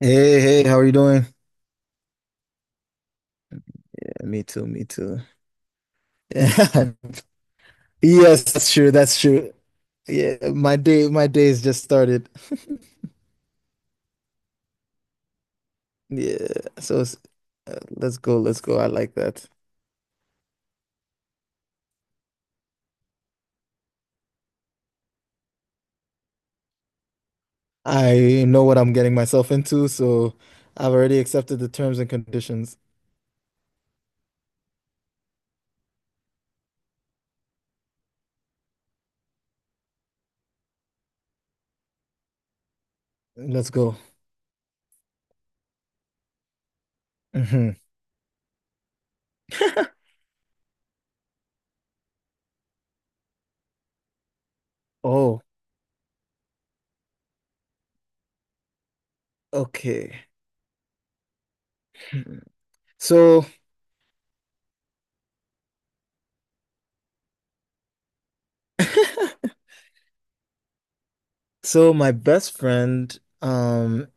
Hey, hey, how are you doing? Yeah, me too, me too. Yeah. Yes, that's true, that's true. Yeah, my day's just started. Yeah, so it's- let's go, let's go. I like that. I know what I'm getting myself into, so I've already accepted the terms and conditions. Let's go. hmm Oh, okay. Hmm. So, so my best friend, um,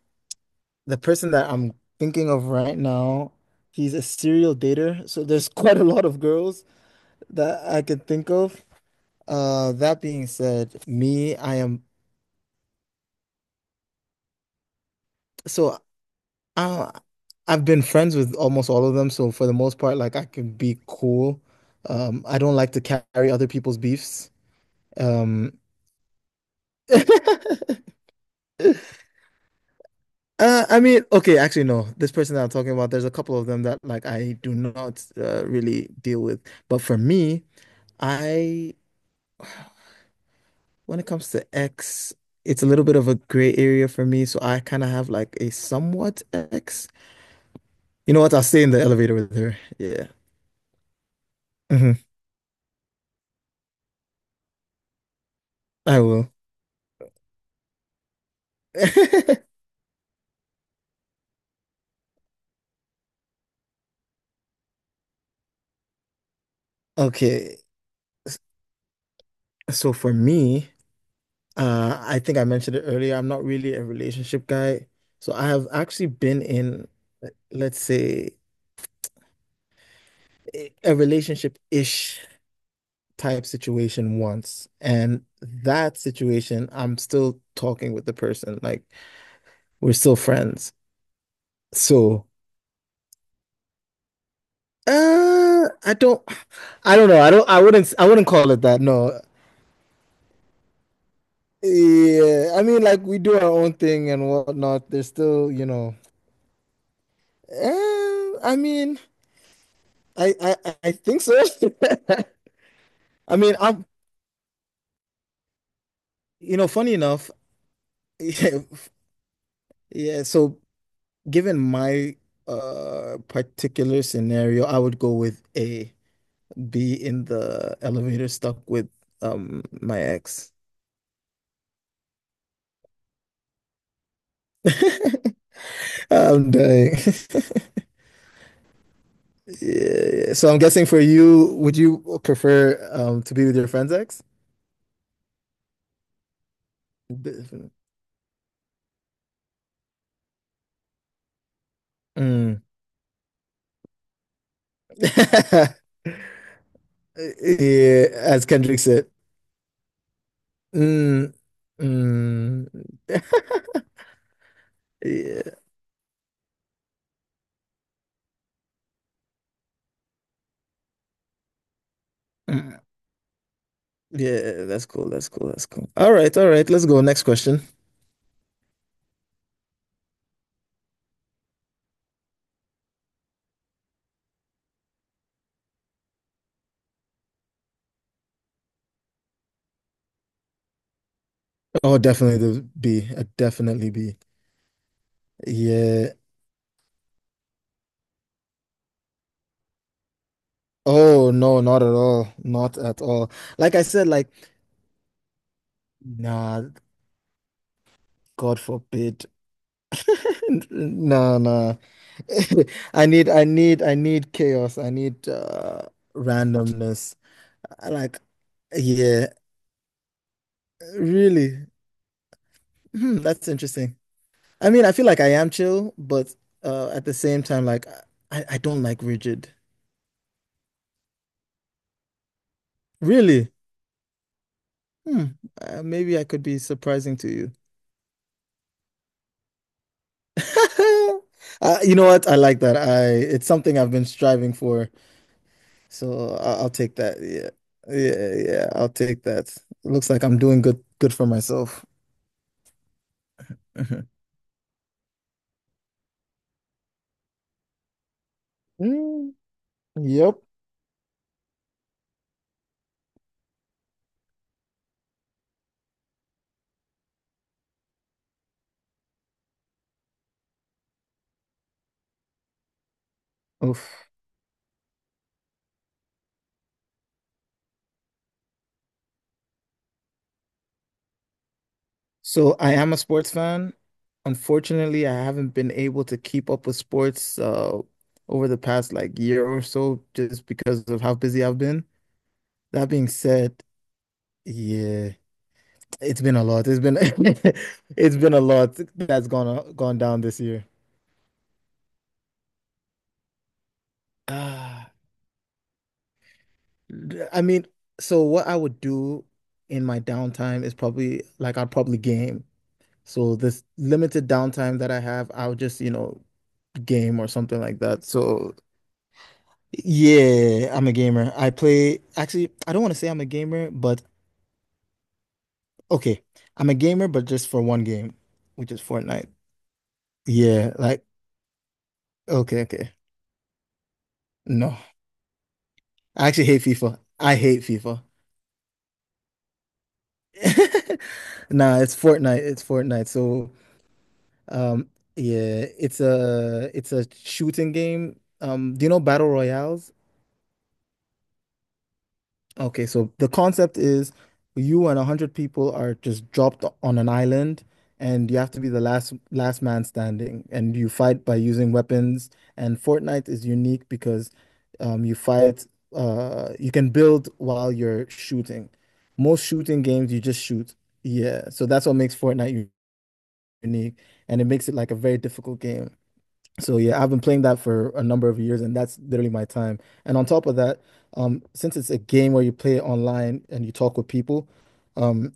the person that I'm thinking of right now, he's a serial dater. So there's quite a lot of girls that I could think of. That being said, me, I am so I, I've been friends with almost all of them. So for the most part, like I can be cool. I don't like to carry other people's beefs. Um, I mean, okay, actually, no. This person that I'm talking about, there's a couple of them that like I do not really deal with. But for me, I when it comes to X, it's a little bit of a gray area for me, so I kind of have like a somewhat X. You know what? I'll stay in the elevator with her. Yeah. hmm I will. Okay. s- So for me, I think I mentioned it earlier. I'm not really a relationship guy. So I have actually been in, let's say, a relationship-ish type situation once. And that situation, I'm still talking with the person. Like we're still friends. So, uh, I don't, I don't know. I don't. I wouldn't call it that. No. Yeah. I mean, like we do our own thing and whatnot. There's still, I mean, I think so. I mean, I'm. You know, funny enough. Yeah. Yeah. So, given my particular scenario, I would go with A. Be in the elevator stuck with my ex. I'm dying. Yeah, so I'm guessing for you, would you prefer to be with your friend's ex? Definitely. Mm. Yeah, as Kendrick said. Mm. Mm. Yeah. Mm. Yeah, that's cool. That's cool. That's cool. All right, all right. Let's go. Next question. Oh, definitely the B. Definitely B. Yeah. Oh, no, not at all. Not at all. Like I said, like, nah, God forbid. Nah, nah. I need chaos. I need randomness. I Like, yeah, really. Hmm, that's interesting. I mean, I feel like I am chill, but at the same time, like, I don't like rigid. Really? Hmm. Maybe I could be surprising to you. You know what? I like that. I It's something I've been striving for, so I'll take that. Yeah, yeah, yeah. I'll take that. Looks like I'm doing good, good for myself. Mm, yep. Oof. So I am a sports fan. Unfortunately, I haven't been able to keep up with sports over the past like year or so just because of how busy I've been. That being said, yeah, it's been a lot. It's been it's been a lot that's gone down this year. Ah, I mean, so what I would do in my downtime is probably like I'd probably game. So this limited downtime that I have, I would just, you know, game or something like that. So yeah, I'm a gamer. I play, actually, I don't want to say I'm a gamer, but okay. I'm a gamer, but just for one game, which is Fortnite. Yeah, like, okay, okay. No, I actually hate FIFA. I hate FIFA. Nah, it's Fortnite. It's Fortnite. So, um, yeah, it's a shooting game. Do you know Battle Royales? Okay, so the concept is you and a hundred people are just dropped on an island, and you have to be the last man standing, and you fight by using weapons. And Fortnite is unique because you fight. You can build while you're shooting. Most shooting games, you just shoot. Yeah, so that's what makes unique, and it makes it like a very difficult game. So yeah, I've been playing that for a number of years, and that's literally my time. And on top of that, since it's a game where you play it online and you talk with people, um,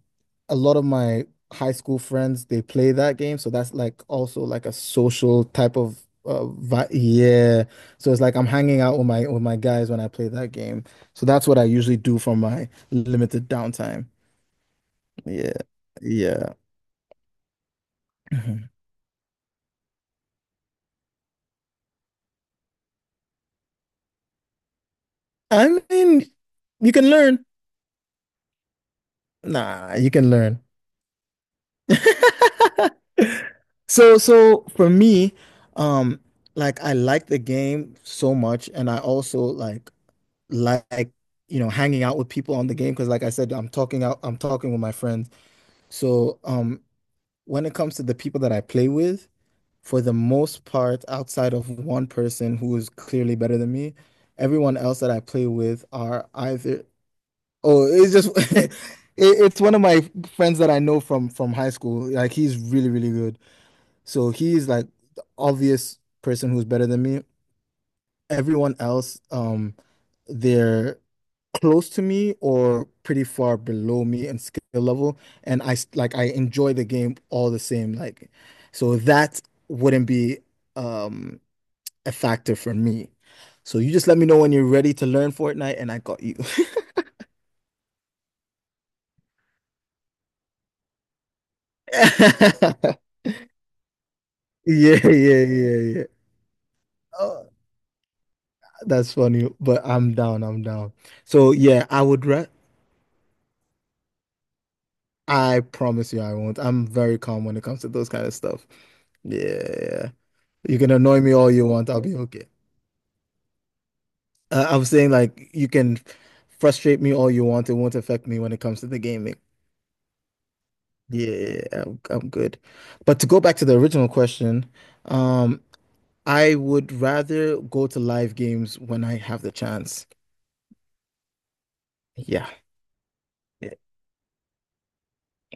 a lot of my high school friends they play that game, so that's like also like a social type of vi yeah. So it's like I'm hanging out with my guys when I play that game. So that's what I usually do for my limited downtime. Yeah, yeah. Mhm. I mean, you can learn. Nah, you can learn. So, for me, um, like I like the game so much, and I also like you know hanging out with people on the game because, like I said, I'm talking with my friends. So, when it comes to the people that I play with, for the most part, outside of one person who is clearly better than me, everyone else that I play with are either oh, it's just it, it's one of my friends that I know from high school. Like he's really good. So he's like the obvious person who's better than me. Everyone else, they're close to me or pretty far below me in skill level. And like I enjoy the game all the same. Like, so that wouldn't be um a factor for me. So you just let me know when you're ready to learn Fortnite and I got you. Yeah, yeah, yeah, yeah. Oh, that's funny, but I'm down, I'm down. So yeah, I would re I promise you I won't. I'm very calm when it comes to those kind of stuff. Yeah, yeah. You can annoy me all you want, I'll be okay. I'm saying like you can frustrate me all you want, it won't affect me when it comes to the gaming. Yeah, I'm good. But to go back to the original question, um, I would rather go to live games when I have the chance. Yeah. Yeah.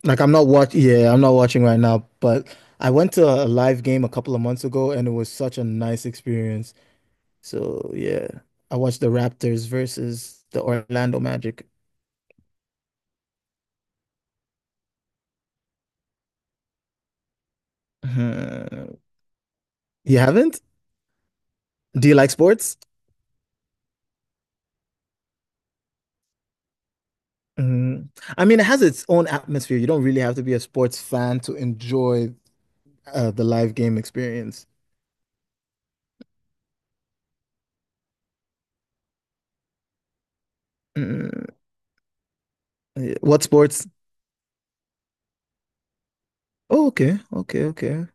Like I'm not watch Yeah, I'm not watching right now, but I went to a live game a couple of months ago and it was such a nice experience. So yeah, I watched the Raptors versus the Orlando Magic. Uh, you haven't? Do you like sports? Mm. I mean, it has its own atmosphere. You don't really have to be a sports fan to enjoy the live game experience. Mm. Yeah. What sports? Oh, okay, okay, okay.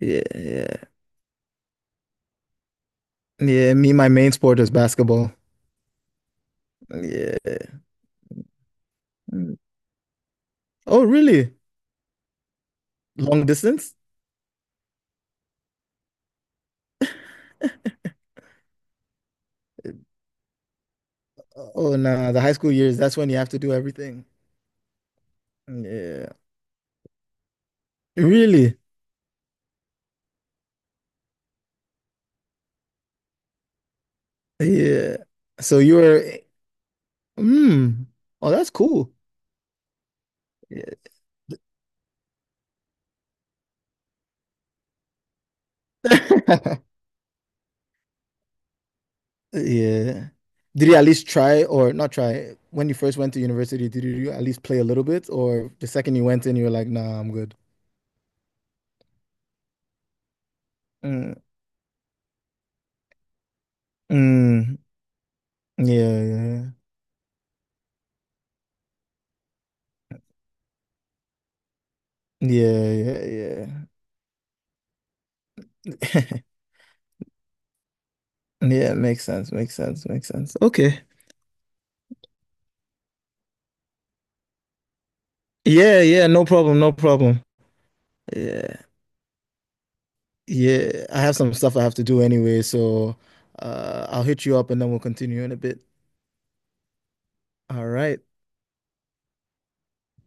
Yeah, yeah, yeah. Me, my main sport is basketball. Yeah. Mm. Oh, really? Long distance? Oh, nah. The high school years, that's when you have to do everything. Yeah. Really? Yeah. So you were, mm, oh, that's cool. Yeah. Yeah. Did you at least try or not try? When you first went to university, did you at least play a little bit? Or the second you went in, you were like, nah, I'm good. Mm, mm, yeah, yeah, yeah, yeah, yeah. Yeah, makes sense, makes sense, makes sense. Okay. Yeah, yeah, no problem, no problem. Yeah, yeah. I have some stuff I have to do anyway, so I'll hit you up and then we'll continue in a bit. All right.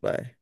Bye.